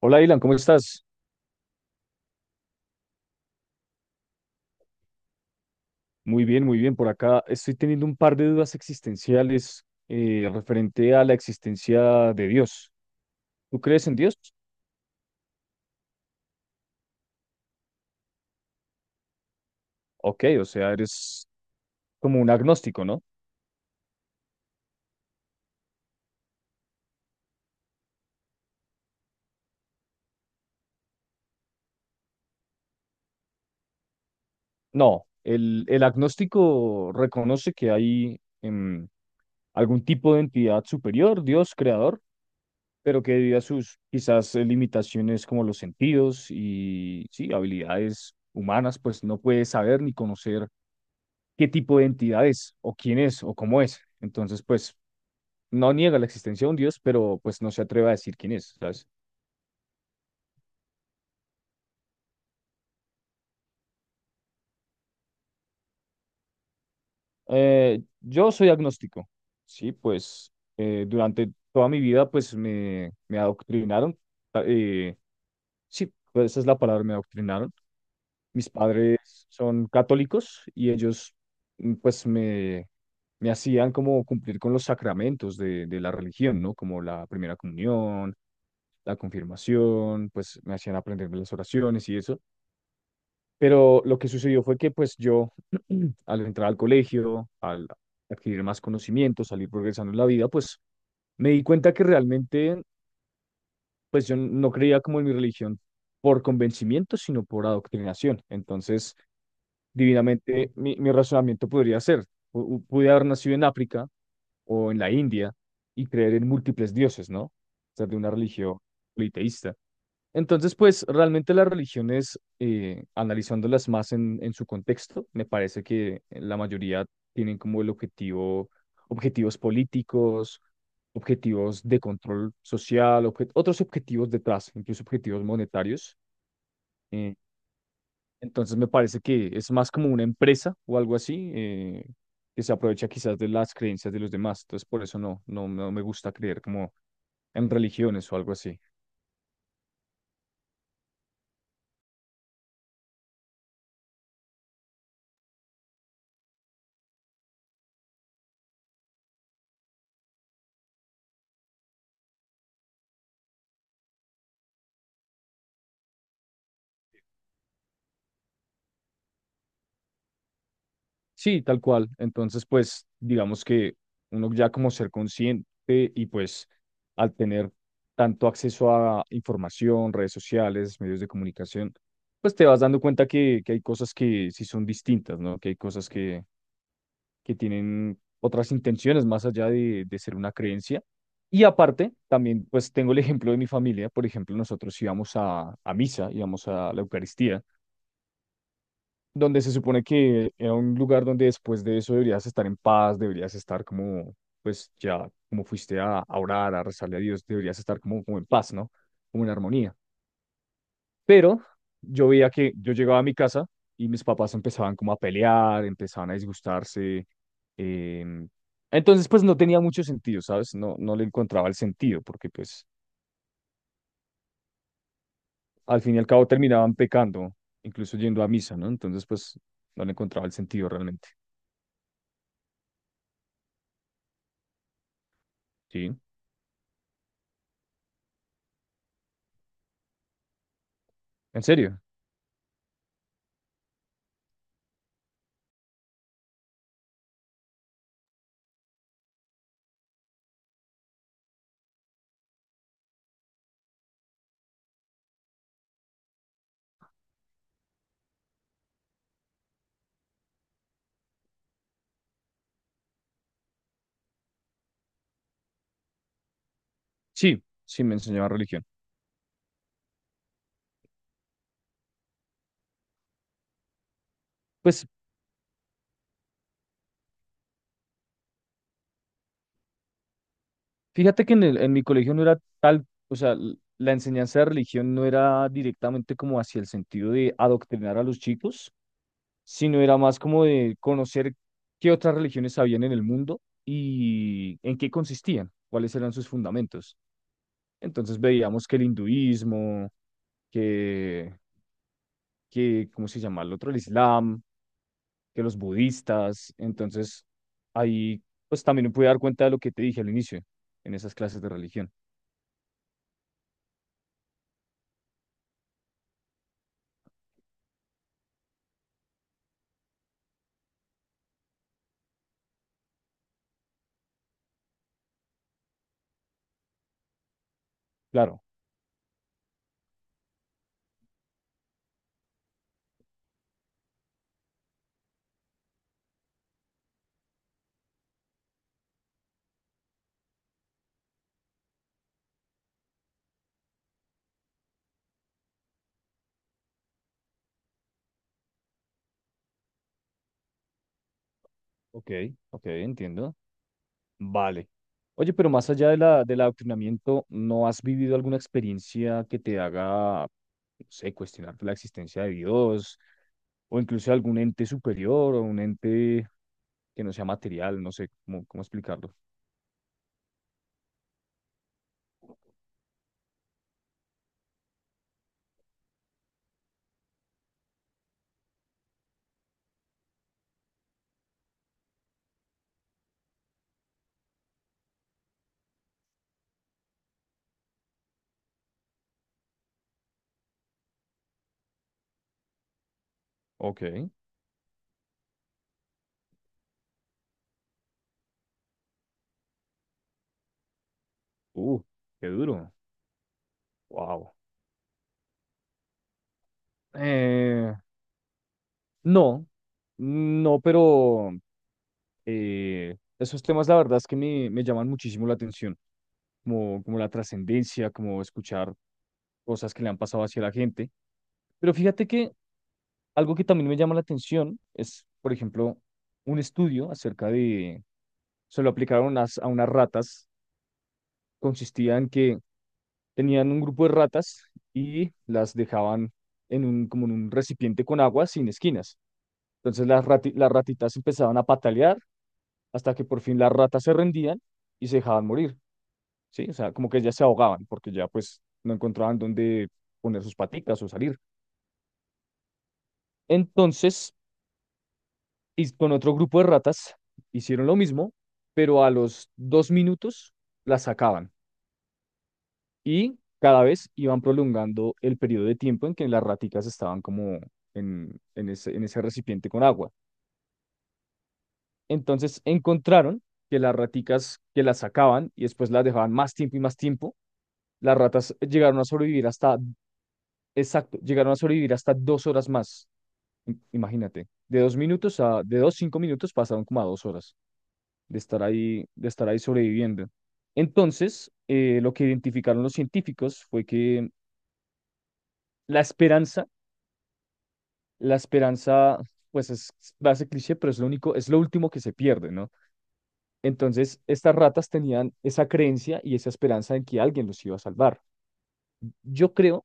Hola, Ilan, ¿cómo estás? Muy bien, muy bien. Por acá estoy teniendo un par de dudas existenciales referente a la existencia de Dios. ¿Tú crees en Dios? Ok, o sea, eres como un agnóstico, ¿no? No, el agnóstico reconoce que hay algún tipo de entidad superior, Dios creador, pero que debido a sus quizás limitaciones como los sentidos y sí, habilidades humanas, pues no puede saber ni conocer qué tipo de entidad es, o quién es, o cómo es. Entonces, pues, no niega la existencia de un Dios, pero pues no se atreve a decir quién es, ¿sabes? Yo soy agnóstico, sí, pues durante toda mi vida, pues me adoctrinaron, ta- eh, sí, pues esa es la palabra, me adoctrinaron. Mis padres son católicos y ellos, pues, me hacían como cumplir con los sacramentos de la religión, ¿no? Como la primera comunión, la confirmación, pues me hacían aprenderme las oraciones y eso. Pero lo que sucedió fue que pues yo al entrar al colegio, al adquirir más conocimientos, salir progresando en la vida, pues me di cuenta que realmente pues yo no creía como en mi religión por convencimiento, sino por adoctrinación. Entonces, divinamente, mi razonamiento podría ser, pude haber nacido en África o en la India y creer en múltiples dioses, ¿no? O sea, de una religión politeísta. Entonces, pues realmente las religiones, analizándolas más en su contexto, me parece que la mayoría tienen como el objetivo, objetivos políticos, objetivos de control social, otros objetivos detrás, incluso objetivos monetarios. eh, entonces, me parece que es más como una empresa o algo así, que se aprovecha quizás de las creencias de los demás. Entonces, por eso no, no, no me gusta creer como en religiones o algo así. Sí, tal cual. Entonces, pues, digamos que uno ya como ser consciente y pues al tener tanto acceso a información, redes sociales, medios de comunicación, pues te vas dando cuenta que hay cosas que sí son distintas, ¿no? Que hay cosas que tienen otras intenciones más allá de ser una creencia. Y aparte, también pues tengo el ejemplo de mi familia. Por ejemplo, nosotros íbamos a misa, íbamos a la Eucaristía, donde se supone que era un lugar donde después de eso deberías estar en paz, deberías estar como, pues ya, como fuiste a orar, a rezarle a Dios, deberías estar como, como en paz, ¿no? Como en armonía. Pero yo veía que yo llegaba a mi casa y mis papás empezaban como a pelear, empezaban a disgustarse. em, entonces, pues no tenía mucho sentido, ¿sabes? No, no le encontraba el sentido, porque pues al fin y al cabo terminaban pecando, incluso yendo a misa, ¿no? Entonces, pues no le encontraba el sentido realmente, ¿sí? En serio. Sí, sí me enseñaban religión. Pues fíjate que en mi colegio no era tal, o sea, la enseñanza de religión no era directamente como hacia el sentido de adoctrinar a los chicos, sino era más como de conocer qué otras religiones habían en el mundo y en qué consistían, cuáles eran sus fundamentos. Entonces veíamos que el hinduismo, que, ¿cómo se llama el otro? El islam, que los budistas. Entonces, ahí pues también me pude dar cuenta de lo que te dije al inicio, en esas clases de religión. Claro. Ok, ok, entiendo. Vale. Oye, pero más allá de la, del adoctrinamiento, ¿no has vivido alguna experiencia que te haga, no sé, cuestionar la existencia de Dios o incluso algún ente superior o un ente que no sea material? No sé cómo, cómo explicarlo. Ok. Uh, qué duro. Wow. Eh, no, no, pero esos temas la verdad es que me llaman muchísimo la atención, como, como la trascendencia, como escuchar cosas que le han pasado hacia la gente. Pero fíjate que algo que también me llama la atención es, por ejemplo, un estudio acerca de, se lo aplicaron a unas ratas, consistía en que tenían un grupo de ratas y las dejaban en un, como en un recipiente con agua sin esquinas. Entonces las ratitas empezaban a patalear hasta que por fin las ratas se rendían y se dejaban morir, ¿sí? O sea, como que ya se ahogaban porque ya pues no encontraban dónde poner sus patitas o salir. Entonces, y con otro grupo de ratas hicieron lo mismo, pero a los 2 minutos las sacaban y cada vez iban prolongando el periodo de tiempo en que las raticas estaban como en ese recipiente con agua. Entonces encontraron que las raticas que las sacaban y después las dejaban más tiempo y más tiempo, las ratas llegaron a sobrevivir hasta, exacto, llegaron a sobrevivir hasta 2 horas más. Imagínate, de 2 minutos a, de dos, 5 minutos pasaron como a 2 horas de estar ahí sobreviviendo. Entonces, lo que identificaron los científicos fue que la esperanza, la esperanza, pues es, va a ser cliché, pero es lo único, es lo último que se pierde, ¿no? Entonces, estas ratas tenían esa creencia y esa esperanza en que alguien los iba a salvar. Yo creo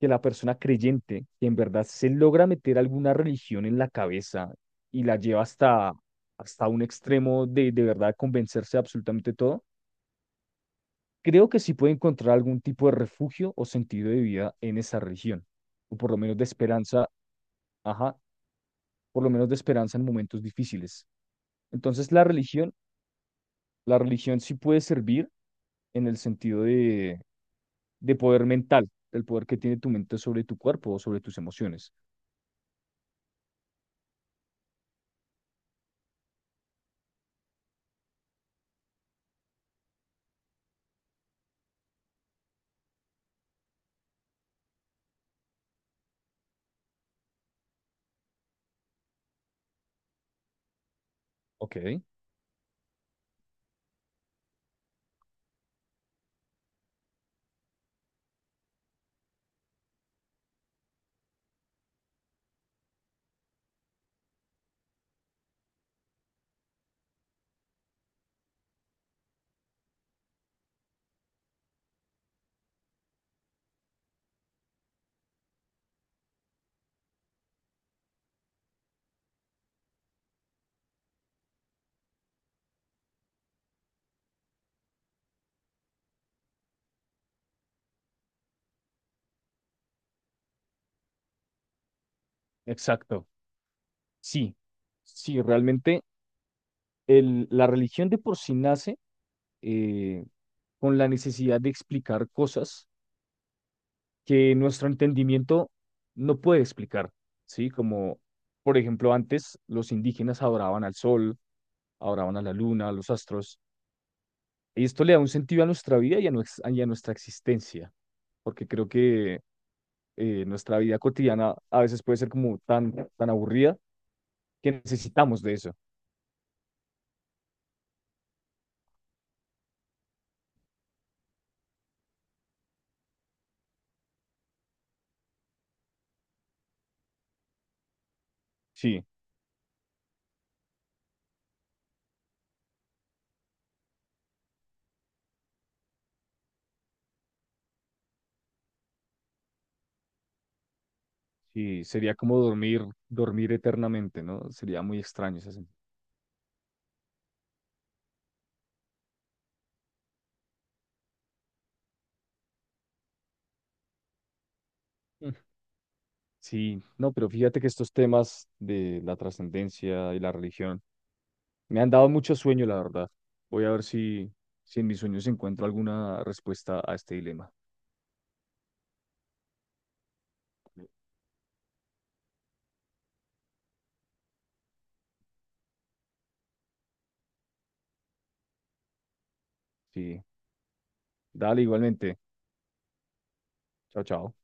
que la persona creyente, que en verdad se logra meter alguna religión en la cabeza y la lleva hasta, hasta un extremo de verdad convencerse de absolutamente todo, creo que sí puede encontrar algún tipo de refugio o sentido de vida en esa religión, o por lo menos de esperanza, ajá, por lo menos de esperanza en momentos difíciles. Entonces, la religión sí puede servir en el sentido de poder mental, el poder que tiene tu mente sobre tu cuerpo o sobre tus emociones. Ok. Exacto. Sí, sí, realmente la religión de por sí nace eh, con la necesidad de explicar cosas que nuestro entendimiento no puede explicar, ¿sí? Como, por ejemplo, antes los indígenas adoraban al sol, adoraban a la luna, a los astros, y esto le da un sentido a nuestra vida y a, y a nuestra existencia, porque creo que nuestra vida cotidiana a veces puede ser como tan, tan aburrida que necesitamos de eso. Sí, sí, sería como dormir, dormir eternamente, ¿no? Sería muy extraño ese sentido. Mm. Sí, no, pero fíjate que estos temas de la trascendencia y la religión me han dado mucho sueño, la verdad. Voy a ver si, si en mis sueños encuentro alguna respuesta a este dilema. Sí, dale igualmente. Chao, chao.